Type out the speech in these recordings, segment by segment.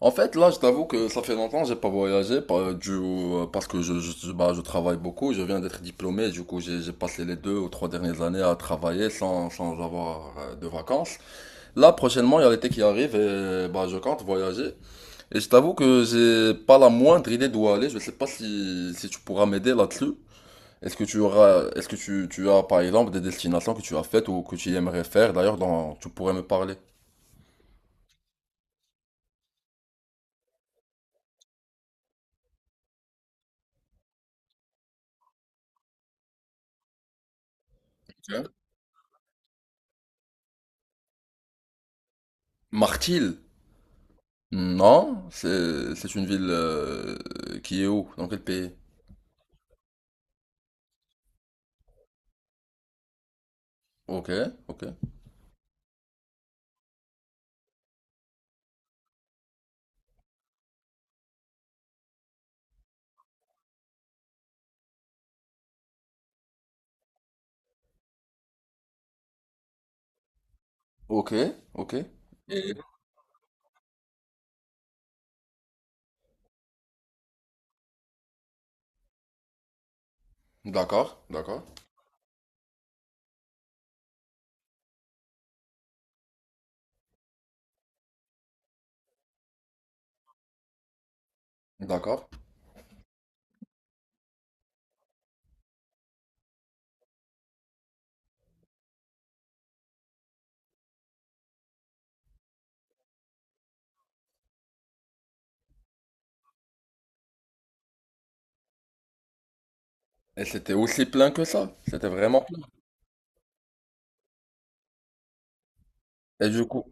En fait, là, je t'avoue que ça fait longtemps que j'ai pas voyagé parce que je travaille beaucoup. Je viens d'être diplômé, du coup, j'ai passé les deux ou trois dernières années à travailler sans avoir de vacances. Là, prochainement, il y a l'été qui arrive et bah, je compte voyager. Et je t'avoue que j'ai pas la moindre idée d'où aller. Je sais pas si tu pourras m'aider là-dessus. Est-ce que tu as par exemple des destinations que tu as faites ou que tu aimerais faire d'ailleurs dont tu pourrais me parler? Ok. Martil. Non, c'est une ville qui est où? Dans quel pays? Ok, ok, ok, ok. Et- D'accord, d'accord, d'accord. Et c'était aussi plein que ça. C'était vraiment plein. Et du coup,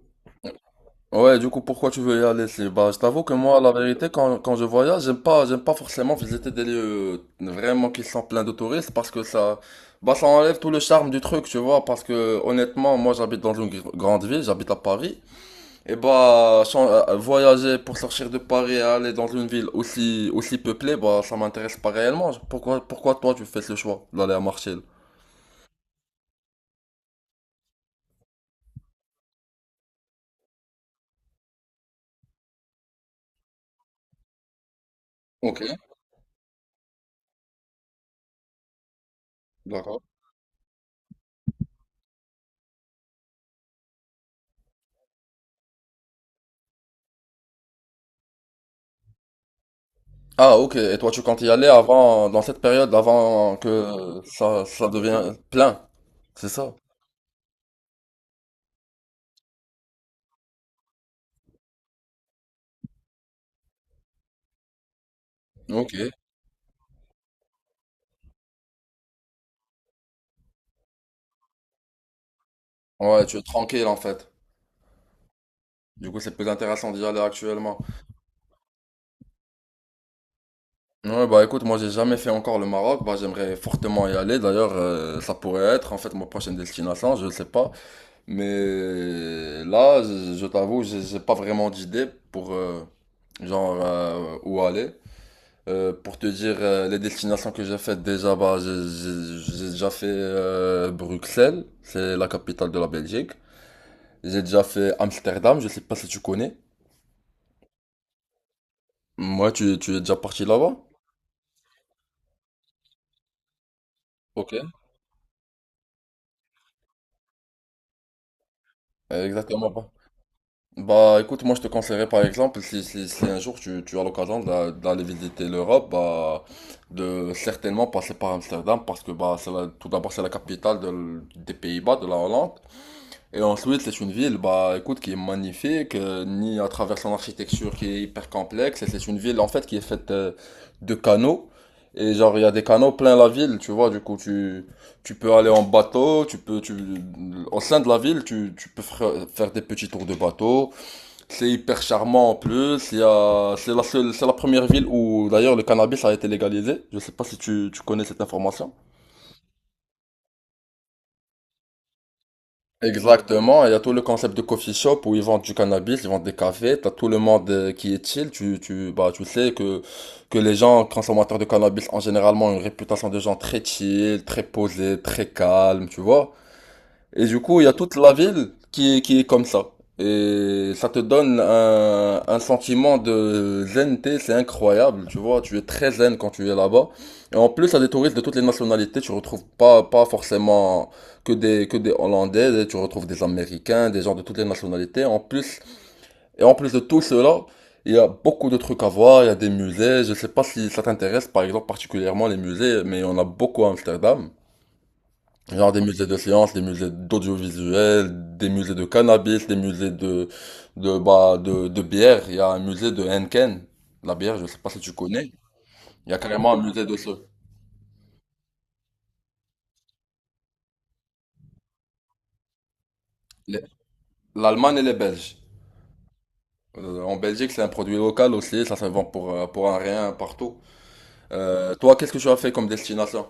ouais, du coup, pourquoi tu veux y aller? Bah, je t'avoue que moi, la vérité, quand je voyage, j'aime pas forcément visiter des lieux vraiment qui sont pleins de touristes parce que bah, ça enlève tout le charme du truc, tu vois. Parce que honnêtement, moi, j'habite dans une grande ville, j'habite à Paris. Et bah, voyager pour sortir de Paris et aller dans une ville aussi peuplée, bah, ça m'intéresse pas réellement. Pourquoi toi tu fais ce choix d'aller à Marseille? Ok, d'accord. Ah, ok. Et toi tu comptes y aller avant, dans cette période, avant que ça devienne plein. C'est ça? Ok. Ouais, tu es tranquille en fait. Du coup, c'est plus intéressant d'y aller actuellement. Ouais, bah écoute, moi j'ai jamais fait encore le Maroc. Bah j'aimerais fortement y aller. D'ailleurs, ça pourrait être en fait ma prochaine destination, je sais pas. Mais là, je t'avoue, j'ai pas vraiment d'idée pour genre où aller. Pour te dire les destinations que j'ai faites déjà, bah, j'ai déjà fait Bruxelles, c'est la capitale de la Belgique. J'ai déjà fait Amsterdam, je sais pas si tu connais. Moi, tu es déjà parti là-bas? Ok. Exactement, bah. Bah écoute, moi je te conseillerais par exemple, si un jour tu as l'occasion d'aller visiter l'Europe, bah, de certainement passer par Amsterdam parce que bah, tout d'abord c'est la capitale de des Pays-Bas, de la Hollande. Et ensuite c'est une ville bah, écoute, qui est magnifique, ni à travers son architecture qui est hyper complexe. Et c'est une ville en fait qui est faite de canaux. Et genre il y a des canaux plein la ville, tu vois, du coup tu... Tu peux aller en bateau, au sein de la ville, tu peux faire des petits tours de bateau. C'est hyper charmant en plus. C'est la seule, c'est la première ville où d'ailleurs le cannabis a été légalisé. Je sais pas si tu connais cette information. Exactement. Il y a tout le concept de coffee shop où ils vendent du cannabis, ils vendent des cafés. T'as tout le monde qui est chill. Tu sais que les gens consommateurs de cannabis ont généralement une réputation de gens très chill, très posés, très calmes, tu vois. Et du coup, il y a toute la ville qui est comme ça. Et ça te donne un sentiment de zenneté, c'est incroyable, tu vois, tu es très zen quand tu es là-bas. Et en plus, il y a des touristes de toutes les nationalités, tu retrouves pas forcément que des Hollandais, tu retrouves des Américains, des gens de toutes les nationalités. En plus, et en plus de tout cela, il y a beaucoup de trucs à voir, il y a des musées, je sais pas si ça t'intéresse, par exemple, particulièrement les musées, mais on a beaucoup à Amsterdam. Genre des musées de sciences, des musées d'audiovisuel, des musées de cannabis, des musées de, bah, de bière. Il y a un musée de Henken, la bière, je sais pas si tu connais. Il y a carrément un musée de ce. les- L'Allemagne et les Belges. En Belgique, c'est un produit local aussi, ça se vend pour un rien partout. Toi, qu'est-ce que tu as fait comme destination?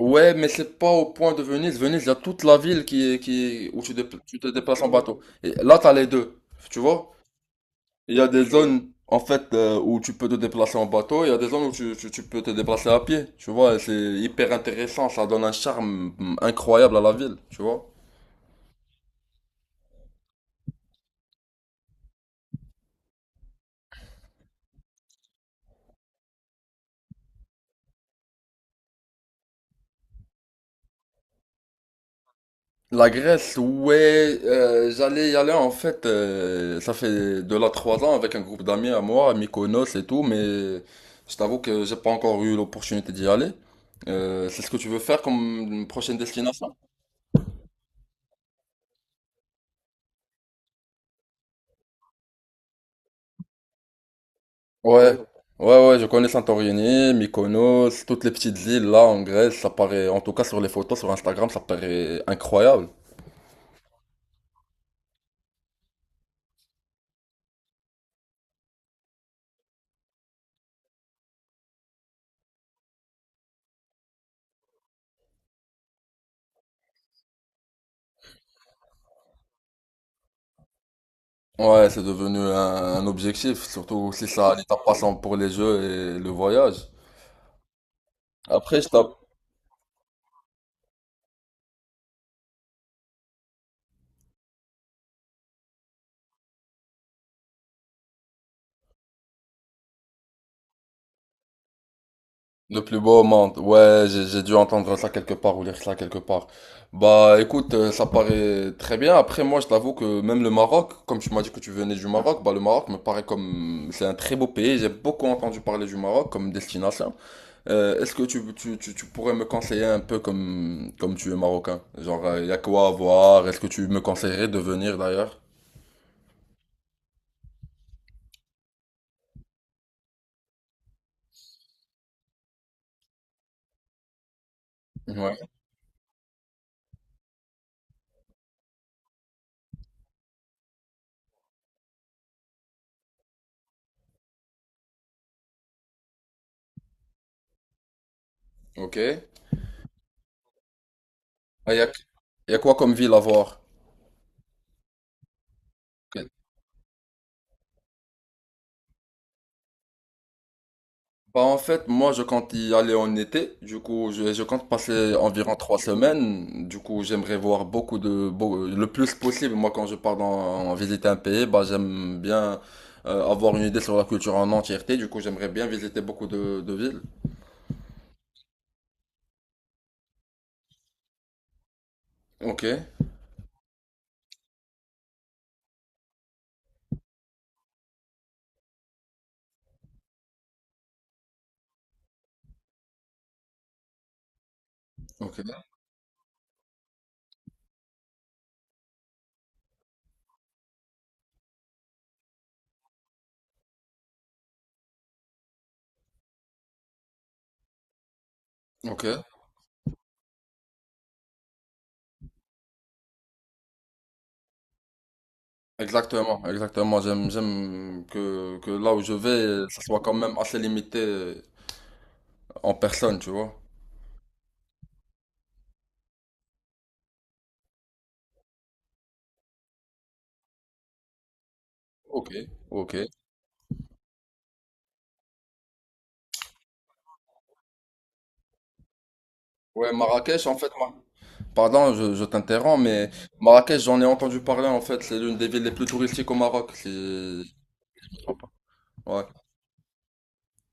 Ouais, mais c'est pas au point de Venise. Venise, il y a toute la ville où tu te déplaces en bateau. Et là, t'as les deux. Tu vois? Il y a des zones en fait où tu peux te déplacer en bateau, il y a des zones où tu peux te déplacer à pied, tu vois, et c'est hyper intéressant, ça donne un charme mm, incroyable à la ville, tu vois. La Grèce, ouais, j'allais y aller en fait, ça fait de là trois ans avec un groupe d'amis à moi, à Mykonos et tout, mais je t'avoue que j'ai pas encore eu l'opportunité d'y aller. C'est ce que tu veux faire comme prochaine destination? Ouais, ouais, je connais Santorini, Mykonos, toutes les petites îles là en Grèce, ça paraît, en tout cas sur les photos, sur Instagram, ça paraît incroyable. Ouais, c'est devenu un objectif, surtout si ça a l'étape passant pour les jeux et le voyage. Après, je tape le plus beau au monde. Ouais, j'ai dû entendre ça quelque part ou lire ça quelque part. Bah écoute, ça paraît très bien. Après, moi, je t'avoue que même le Maroc, comme tu m'as dit que tu venais du Maroc, bah le Maroc me paraît comme... C'est un très beau pays, j'ai beaucoup entendu parler du Maroc comme destination. Est-ce que tu pourrais me conseiller un peu comme tu es marocain? Genre, il y a quoi à voir? Est-ce que tu me conseillerais de venir d'ailleurs? Ouais, ok. Ah, il y a, y a quoi comme ville à voir? Ok. Bah, en fait, moi je compte y aller en été. Du coup, je compte passer environ trois semaines. Du coup, j'aimerais voir le plus possible. Moi, quand je pars dans, visiter un pays, bah, j'aime bien avoir une idée sur la culture en entièreté. Du coup, j'aimerais bien visiter beaucoup de villes. Ok, ok, ok. Exactement, exactement. J'aime que là où je vais, ça soit quand même assez limité en personne, tu vois. Ok, ok. Ouais, Marrakech, en fait, moi. Pardon, je t'interromps, mais Marrakech, j'en ai entendu parler, en fait. C'est l'une des villes les plus touristiques au Maroc, si je me trompe pas. Ouais.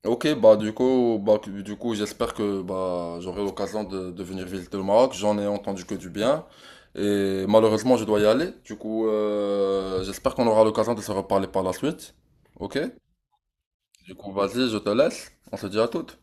Ok, bah du coup, du coup, j'espère que bah j'aurai l'occasion de venir visiter le Maroc. J'en ai entendu que du bien. Et malheureusement, je dois y aller. Du coup, j'espère qu'on aura l'occasion de se reparler par la suite. Ok? Du coup, vas-y, je te laisse. On se dit à toutes.